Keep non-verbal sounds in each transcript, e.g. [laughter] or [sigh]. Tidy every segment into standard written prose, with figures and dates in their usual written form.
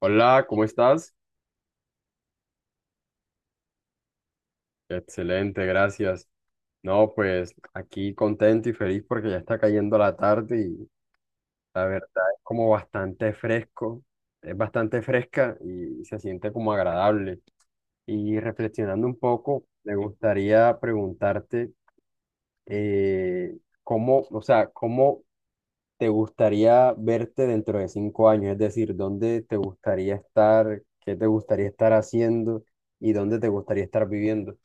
Hola, ¿cómo estás? Excelente, gracias. No, pues aquí contento y feliz porque ya está cayendo la tarde y la verdad es como bastante fresco, es bastante fresca y se siente como agradable. Y reflexionando un poco, me gustaría preguntarte eh, cómo, o sea, cómo te gustaría verte dentro de 5 años, es decir, dónde te gustaría estar, qué te gustaría estar haciendo y dónde te gustaría estar viviendo.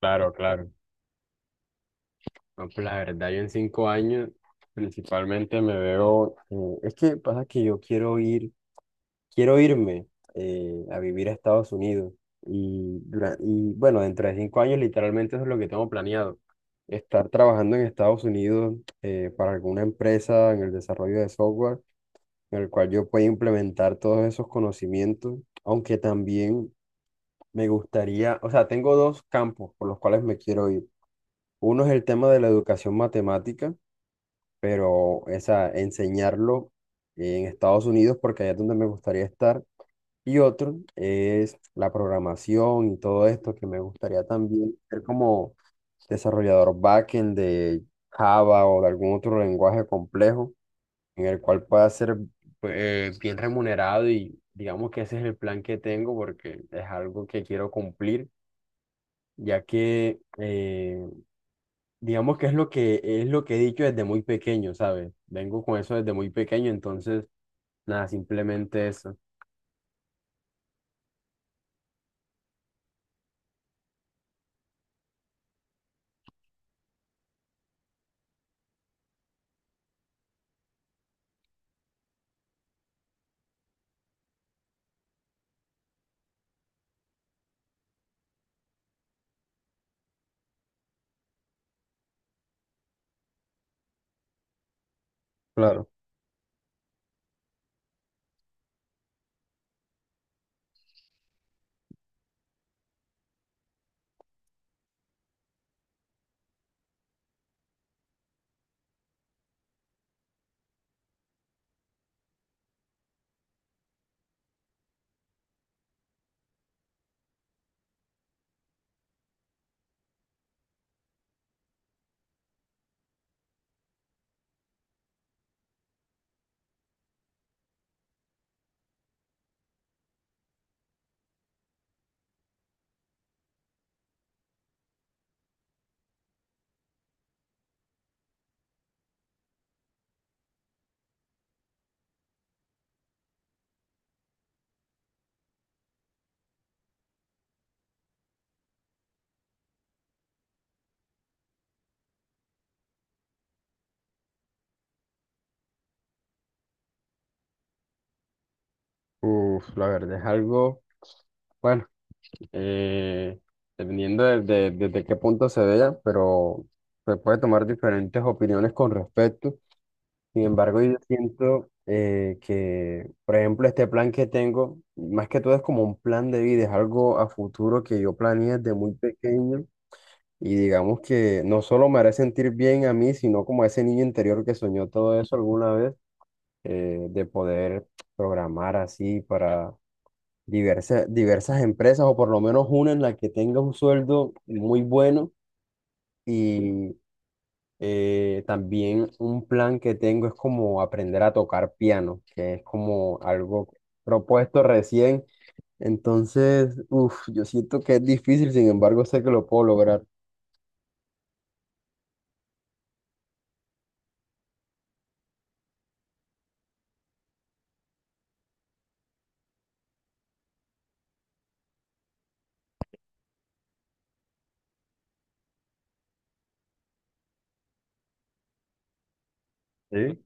Claro, claro. No, pues la verdad, yo en 5 años principalmente me veo. Es que pasa que yo quiero ir, quiero irme a vivir a Estados Unidos, y bueno, dentro de 5 años literalmente eso es lo que tengo planeado, estar trabajando en Estados Unidos, para alguna empresa en el desarrollo de software en el cual yo pueda implementar todos esos conocimientos, aunque también me gustaría, o sea, tengo dos campos por los cuales me quiero ir. Uno es el tema de la educación matemática, pero esa enseñarlo en Estados Unidos porque allá es donde me gustaría estar. Y otro es la programación y todo esto, que me gustaría también ser como desarrollador backend de Java o de algún otro lenguaje complejo en el cual pueda ser bien remunerado. Y digamos que ese es el plan que tengo, porque es algo que quiero cumplir, ya que digamos que es lo que he dicho desde muy pequeño, ¿sabes? Vengo con eso desde muy pequeño, entonces, nada, simplemente eso. Claro, uf, la verdad es algo, bueno, eh, dependiendo de, desde qué punto se vea, pero se puede tomar diferentes opiniones con respecto. Sin embargo, yo siento, que, por ejemplo, este plan que tengo, más que todo es como un plan de vida, es algo a futuro que yo planeé desde muy pequeño. Y digamos que no solo me hará sentir bien a mí, sino como a ese niño interior que soñó todo eso alguna vez, de poder programar así para diversas empresas, o por lo menos una en la que tenga un sueldo muy bueno. Y también un plan que tengo es como aprender a tocar piano, que es como algo propuesto recién. Entonces, uff, yo siento que es difícil, sin embargo, sé que lo puedo lograr. Sí.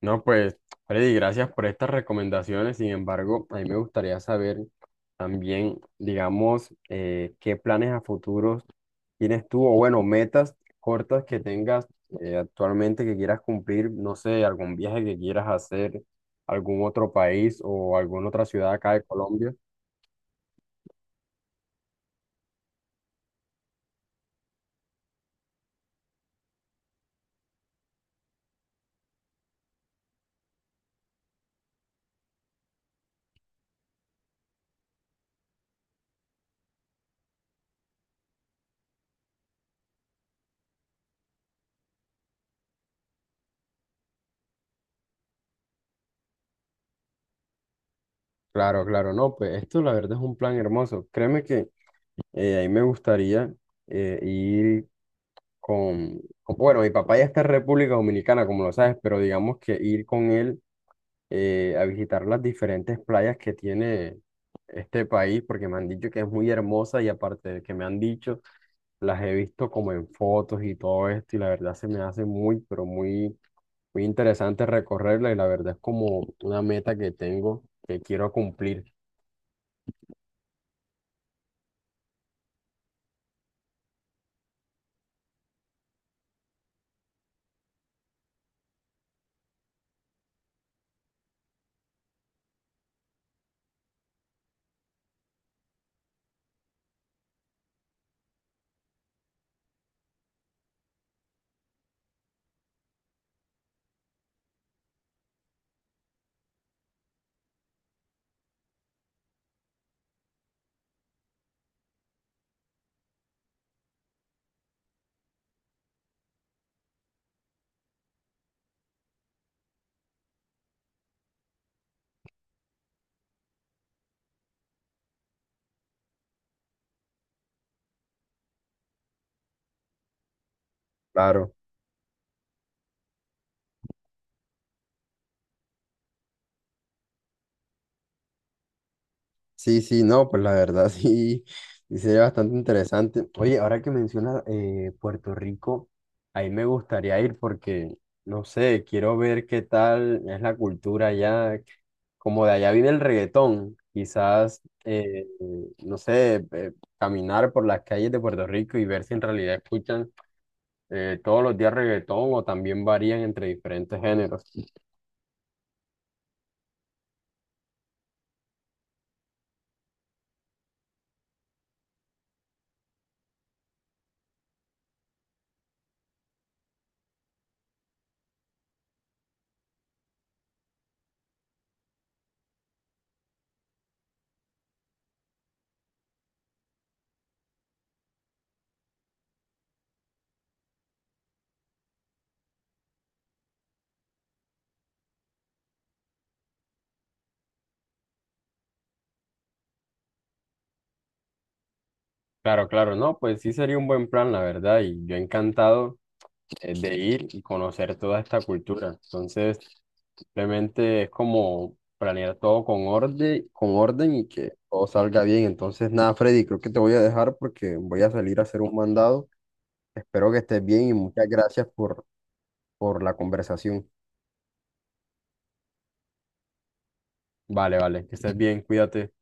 No, pues, Freddy, gracias por estas recomendaciones. Sin embargo, a mí me gustaría saber también, digamos, qué planes a futuros tienes tú, o bueno, metas cortas que tengas, actualmente, que quieras cumplir, no sé, algún viaje que quieras hacer, algún otro país o alguna otra ciudad acá de Colombia. Claro, claro, no, pues esto la verdad es un plan hermoso. Créeme que a mí me gustaría ir. Bueno, mi papá ya está en República Dominicana, como lo sabes, pero digamos que ir con él a visitar las diferentes playas que tiene este país, porque me han dicho que es muy hermosa y aparte de que me han dicho, las he visto como en fotos y todo esto, y la verdad se me hace muy, pero muy, muy interesante recorrerla, y la verdad es como una meta que tengo que quiero cumplir. Claro. Sí, sí, no, pues la verdad [laughs] sí, sí sería bastante interesante. Oye, ahora que mencionas Puerto Rico, ahí me gustaría ir porque, no sé, quiero ver qué tal es la cultura allá, como de allá viene el reggaetón, quizás, no sé, caminar por las calles de Puerto Rico y ver si en realidad escuchan, todos los días reggaetón, o también varían entre diferentes géneros. Claro, claro, no, pues sí sería un buen plan, la verdad, y yo encantado de ir y conocer toda esta cultura. Entonces, simplemente es como planear todo con orden, con orden, y que todo salga bien. Entonces, nada, Freddy, creo que te voy a dejar porque voy a salir a hacer un mandado. Espero que estés bien y muchas gracias por la conversación. Vale, vale, que estés bien, cuídate.